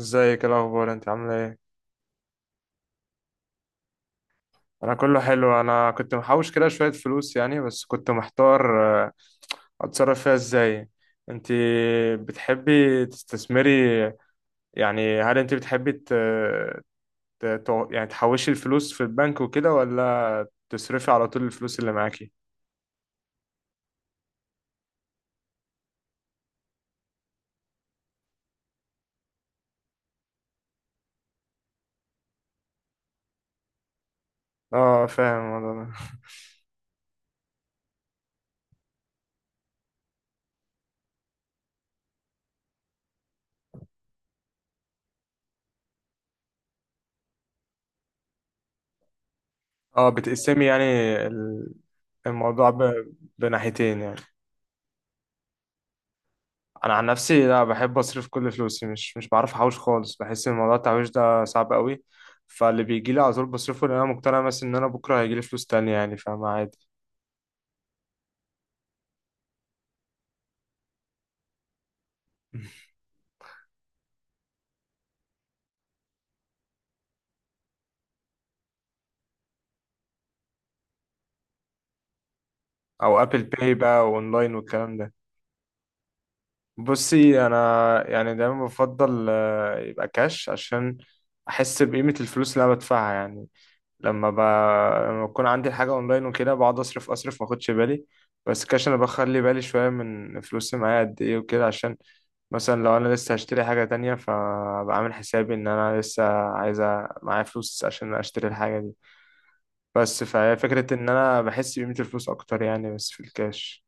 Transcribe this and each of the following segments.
ازيك؟ ايه الاخبار، انت عامله ايه؟ انا كله حلو. انا كنت محوش كده شويه فلوس يعني، بس كنت محتار اتصرف فيها ازاي. انت بتحبي تستثمري؟ يعني هل انت بتحبي يعني تحوشي الفلوس في البنك وكده، ولا تصرفي على طول الفلوس اللي معاكي؟ اه، فاهم الموضوع ده. اه، بتقسمي يعني ال- الموضوع بناحيتين يعني. انا عن نفسي لا، بحب اصرف كل فلوسي، مش بعرف احوش خالص، بحس ان موضوع التحويش ده صعب قوي. فاللي بيجي لي على طول بصرفه، لان انا مقتنع مثلا ان انا بكره هيجي لي فلوس تانية يعني، فاهم، عادي. او ابل باي بقى، واونلاين والكلام ده. بصي انا يعني دايما بفضل يبقى كاش، عشان احس بقيمة الفلوس اللي انا بدفعها يعني. لما ب... لما بكون عندي حاجة اونلاين وكده بقعد اصرف اصرف، ما اخدش بالي. بس كاش انا بخلي بالي شوية، من فلوسي معايا قد ايه وكده، عشان مثلا لو انا لسه هشتري حاجة تانية فابقى عامل حسابي ان انا لسه عايزة معايا فلوس عشان اشتري الحاجة دي. بس فهي فكرة ان انا بحس بقيمة الفلوس اكتر يعني، بس في الكاش.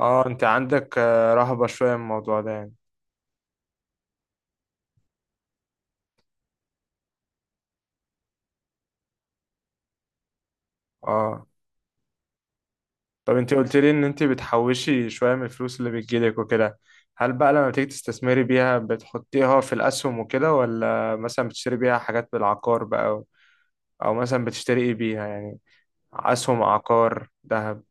اه، انت عندك رهبة شوية من الموضوع ده يعني. اه، طب انت قلت لي ان انت بتحوشي شوية من الفلوس اللي بتجيلك وكده، هل بقى لما بتيجي تستثمري بيها بتحطيها في الاسهم وكده، ولا مثلا بتشتري بيها حاجات بالعقار بقى، او أو مثلا بتشتري ايه بيها يعني؟ اسهم، عقار ده.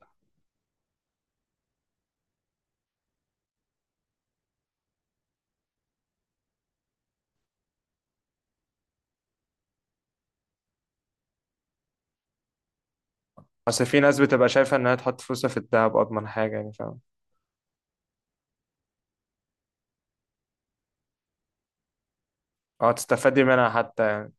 اصل في ناس بتبقى شايفة انها تحط فلوسها في الدهب اضمن حاجة يعني، فاهم. اه، تستفادي منها حتى يعني.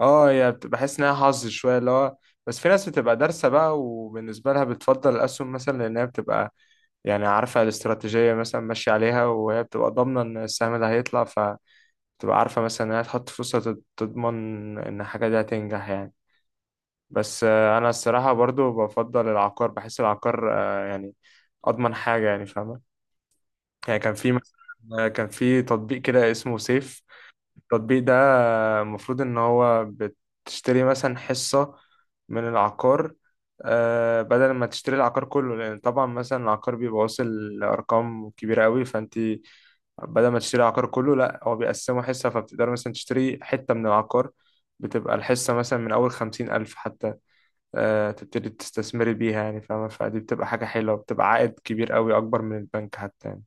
اه، هي بحس انها حظ شوية اللي هو. بس في ناس بتبقى دارسة بقى، وبالنسبة لها بتفضل الأسهم مثلا، لأنها بتبقى يعني عارفة الاستراتيجية مثلا ماشية عليها، وهي بتبقى ضامنة إن السهم ده هيطلع، فبتبقى عارفة مثلا إنها تحط فلوسها تضمن إن الحاجة دي هتنجح يعني. بس أنا الصراحة برضو بفضل العقار، بحس العقار يعني أضمن حاجة يعني، فاهم. يعني كان في مثلا كان في تطبيق كده اسمه سيف. التطبيق ده المفروض ان هو بتشتري مثلا حصة من العقار. بدل ما تشتري العقار كله، لان طبعا مثلا العقار بيبقى واصل لارقام كبيره قوي، فانت بدل ما تشتري العقار كله لا، هو بيقسمه حصه، فبتقدر مثلا تشتري حته من العقار. بتبقى الحصه مثلا من اول خمسين الف حتى. تبتدي تستثمري بيها يعني، فاهمه. فدي بتبقى حاجه حلوه، بتبقى عائد كبير قوي اكبر من البنك حتى يعني.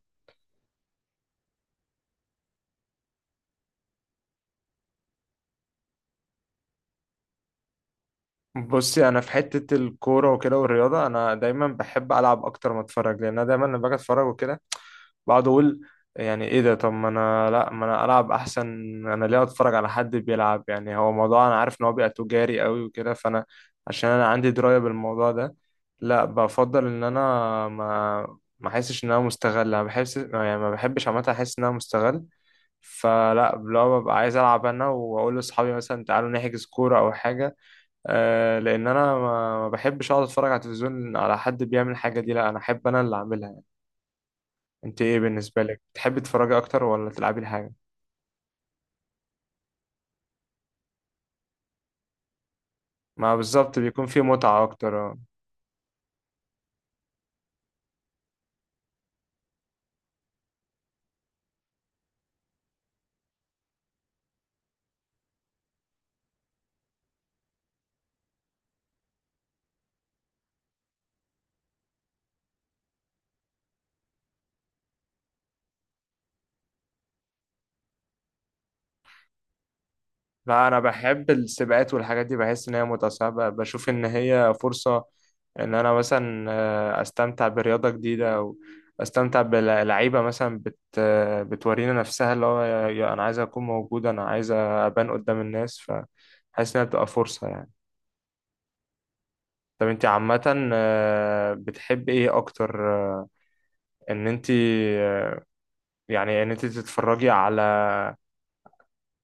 بصي انا في حته الكوره وكده والرياضه، انا دايما بحب العب اكتر ما اتفرج، لان انا دايما لما باجي اتفرج وكده بقعد اقول يعني ايه ده، طب ما انا لا، ما انا العب احسن. انا ليه اتفرج على حد بيلعب يعني؟ هو موضوع انا عارف ان هو بيبقى تجاري قوي وكده، فانا عشان انا عندي درايه بالموضوع ده لا، بفضل ان انا ما احسش ان انا مستغل. انا بحس يعني ما بحبش عامه احس ان انا مستغل. فلا، لو ببقى عايز العب انا واقول لاصحابي مثلا تعالوا نحجز كوره او حاجه. لان انا ما بحبش اقعد اتفرج على التلفزيون على حد بيعمل الحاجه دي. لا، انا احب انا اللي اعملها يعني. انت ايه بالنسبه لك، تحبي تتفرجي اكتر ولا تلعبي الحاجه؟ ما بالظبط، بيكون في متعه اكتر لا انا بحب السباقات والحاجات دي، بحس ان هي متعه، ساعات بشوف ان هي فرصه ان انا مثلا استمتع برياضه جديده، او استمتع بلعيبه مثلا بت آه، بتورينا نفسها اللي هو يا انا عايز اكون موجود، انا عايز ابان قدام الناس، فحاسس انها بتبقى فرصه يعني. طب انت عامة بتحب ايه اكتر؟ آه، ان انت آه، يعني ان انت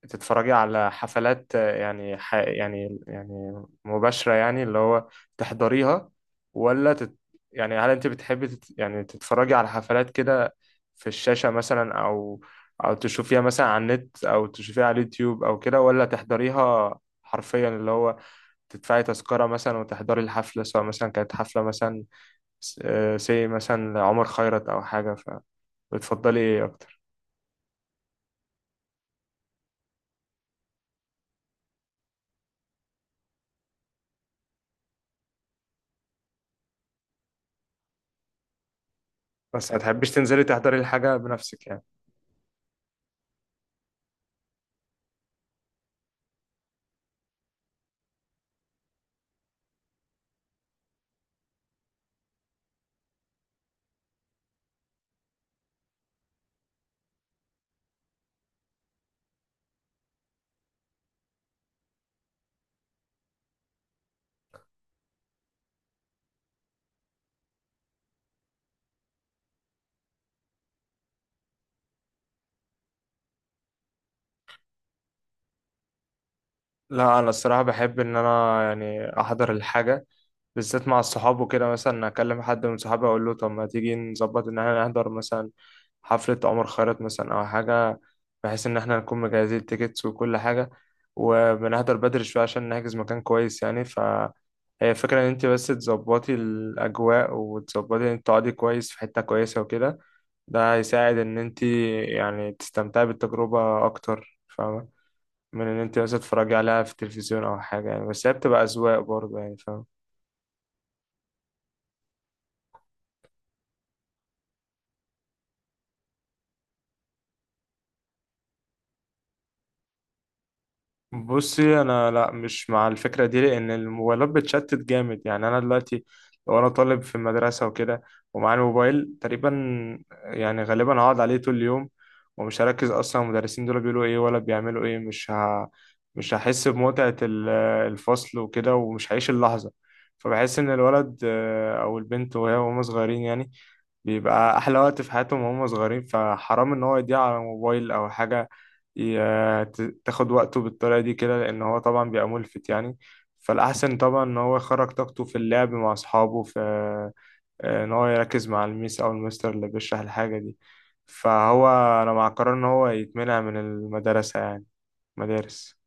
تتفرجي على حفلات، يعني يعني مباشرة يعني، اللي هو تحضريها، ولا تت... يعني هل انت بتحبي يعني تتفرجي على حفلات كده في الشاشة مثلا، او او تشوفيها مثلا على النت، او تشوفيها على اليوتيوب او كده، ولا تحضريها حرفيا، اللي هو تدفعي تذكرة مثلا وتحضري الحفلة، سواء مثلا كانت حفلة مثلا سي مثلا عمر خيرت او حاجه؟ فبتفضلي ايه اكتر؟ بس ما تحبيش تنزلي تحضري الحاجه بنفسك يعني؟ لا، انا الصراحه بحب ان انا يعني احضر الحاجه، بالذات مع الصحاب وكده. مثلا اكلم حد من صحابي اقول له طب ما تيجي نظبط ان احنا نحضر مثلا حفله عمر خيرت مثلا او حاجه، بحيث ان احنا نكون مجهزين التيكتس وكل حاجه، وبنحضر بدري شويه عشان نحجز مكان كويس يعني. ف هي الفكرة إن أنت بس تظبطي الأجواء، وتظبطي إن أنت تقعدي كويس في حتة كويسة وكده. ده هيساعد إن أنت يعني تستمتعي بالتجربة أكتر، فاهمة، من إن أنت بس تتفرجي عليها في التلفزيون أو حاجة يعني. بس هي بتبقى أذواق برضه يعني، فاهمة. بصي انا لا، مش مع الفكره دي، لان الموبايلات بتشتت جامد يعني. انا دلوقتي لو انا طالب في المدرسه وكده، ومعايا الموبايل، تقريبا يعني غالبا هقعد عليه طول اليوم، ومش هركز اصلا المدرسين دول بيقولوا ايه ولا بيعملوا ايه. مش هحس بمتعه الفصل وكده، ومش هعيش اللحظه. فبحس ان الولد او البنت، وهي وهم صغيرين يعني، بيبقى احلى وقت في حياتهم وهم صغيرين، فحرام ان هو يضيع على موبايل او حاجه تاخد وقته بالطريقة دي كده، لأن هو طبعا بيبقى ملفت يعني. فالأحسن طبعا إن هو يخرج طاقته في اللعب مع أصحابه، في إن هو يركز مع الميس أو المستر اللي بيشرح الحاجة دي. فهو، أنا مع قرار إن هو يتمنع من المدرسة يعني، مدارس.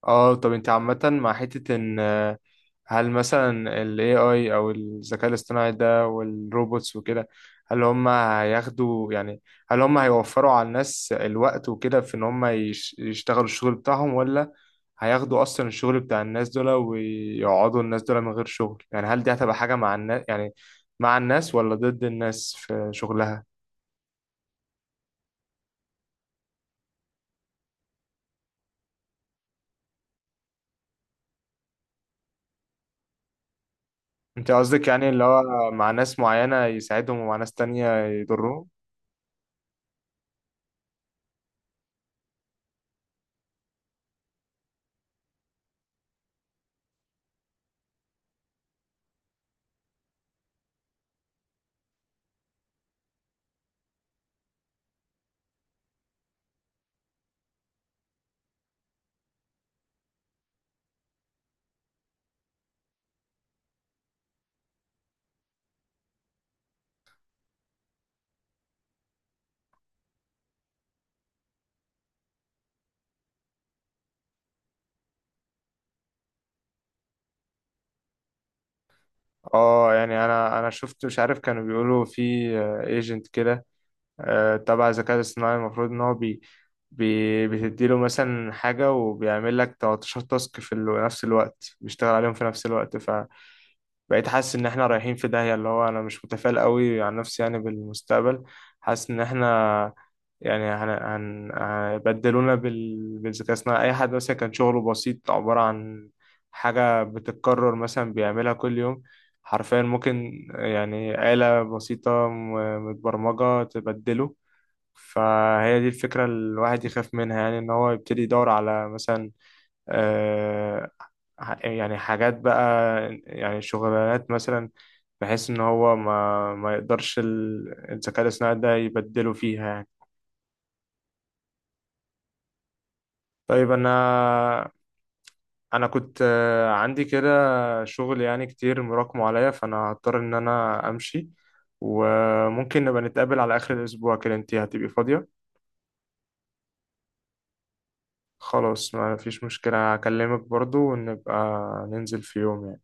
اه، طب انت عامة مع حتة ان هل مثلا ال AI او الذكاء الاصطناعي ده والروبوتس وكده، هل هم هياخدوا يعني، هل هم هيوفروا على الناس الوقت وكده في ان هم يشتغلوا الشغل بتاعهم، ولا هياخدوا اصلا الشغل بتاع الناس دول ويقعدوا الناس دول من غير شغل يعني؟ هل دي هتبقى حاجة مع الناس يعني، مع الناس ولا ضد الناس في شغلها؟ انت قصدك يعني اللي هو مع ناس معينة يساعدهم ومع ناس تانية يضرهم؟ اه، يعني انا شفت، مش عارف، كانوا بيقولوا في ايجنت كده، تبع الذكاء الاصطناعي، المفروض ان هو بي بتديله مثلا حاجة وبيعمل لك 13 تاسك في نفس الوقت، بيشتغل عليهم في نفس الوقت. بقيت حاسس ان احنا رايحين في داهية، اللي هو انا مش متفائل قوي عن نفسي يعني بالمستقبل. حاسس ان احنا يعني هيبدلونا بالذكاء الصناعي. اي حد مثلا كان شغله بسيط عبارة عن حاجة بتتكرر مثلا بيعملها كل يوم، حرفيا ممكن يعني آلة بسيطة متبرمجة تبدله. فهي دي الفكرة اللي الواحد يخاف منها يعني، ان هو يبتدي يدور على مثلا آه، يعني حاجات بقى، يعني شغلانات مثلا، بحيث ان هو ما يقدرش الذكاء الاصطناعي ده يبدله فيها يعني. طيب، انا انا كنت عندي كده شغل يعني كتير مراكمه عليا، فانا هضطر ان انا امشي. وممكن نبقى نتقابل على اخر الاسبوع كده، انتي هتبقي فاضية؟ خلاص، ما فيش مشكلة. هكلمك برضو، ونبقى ننزل في يوم يعني.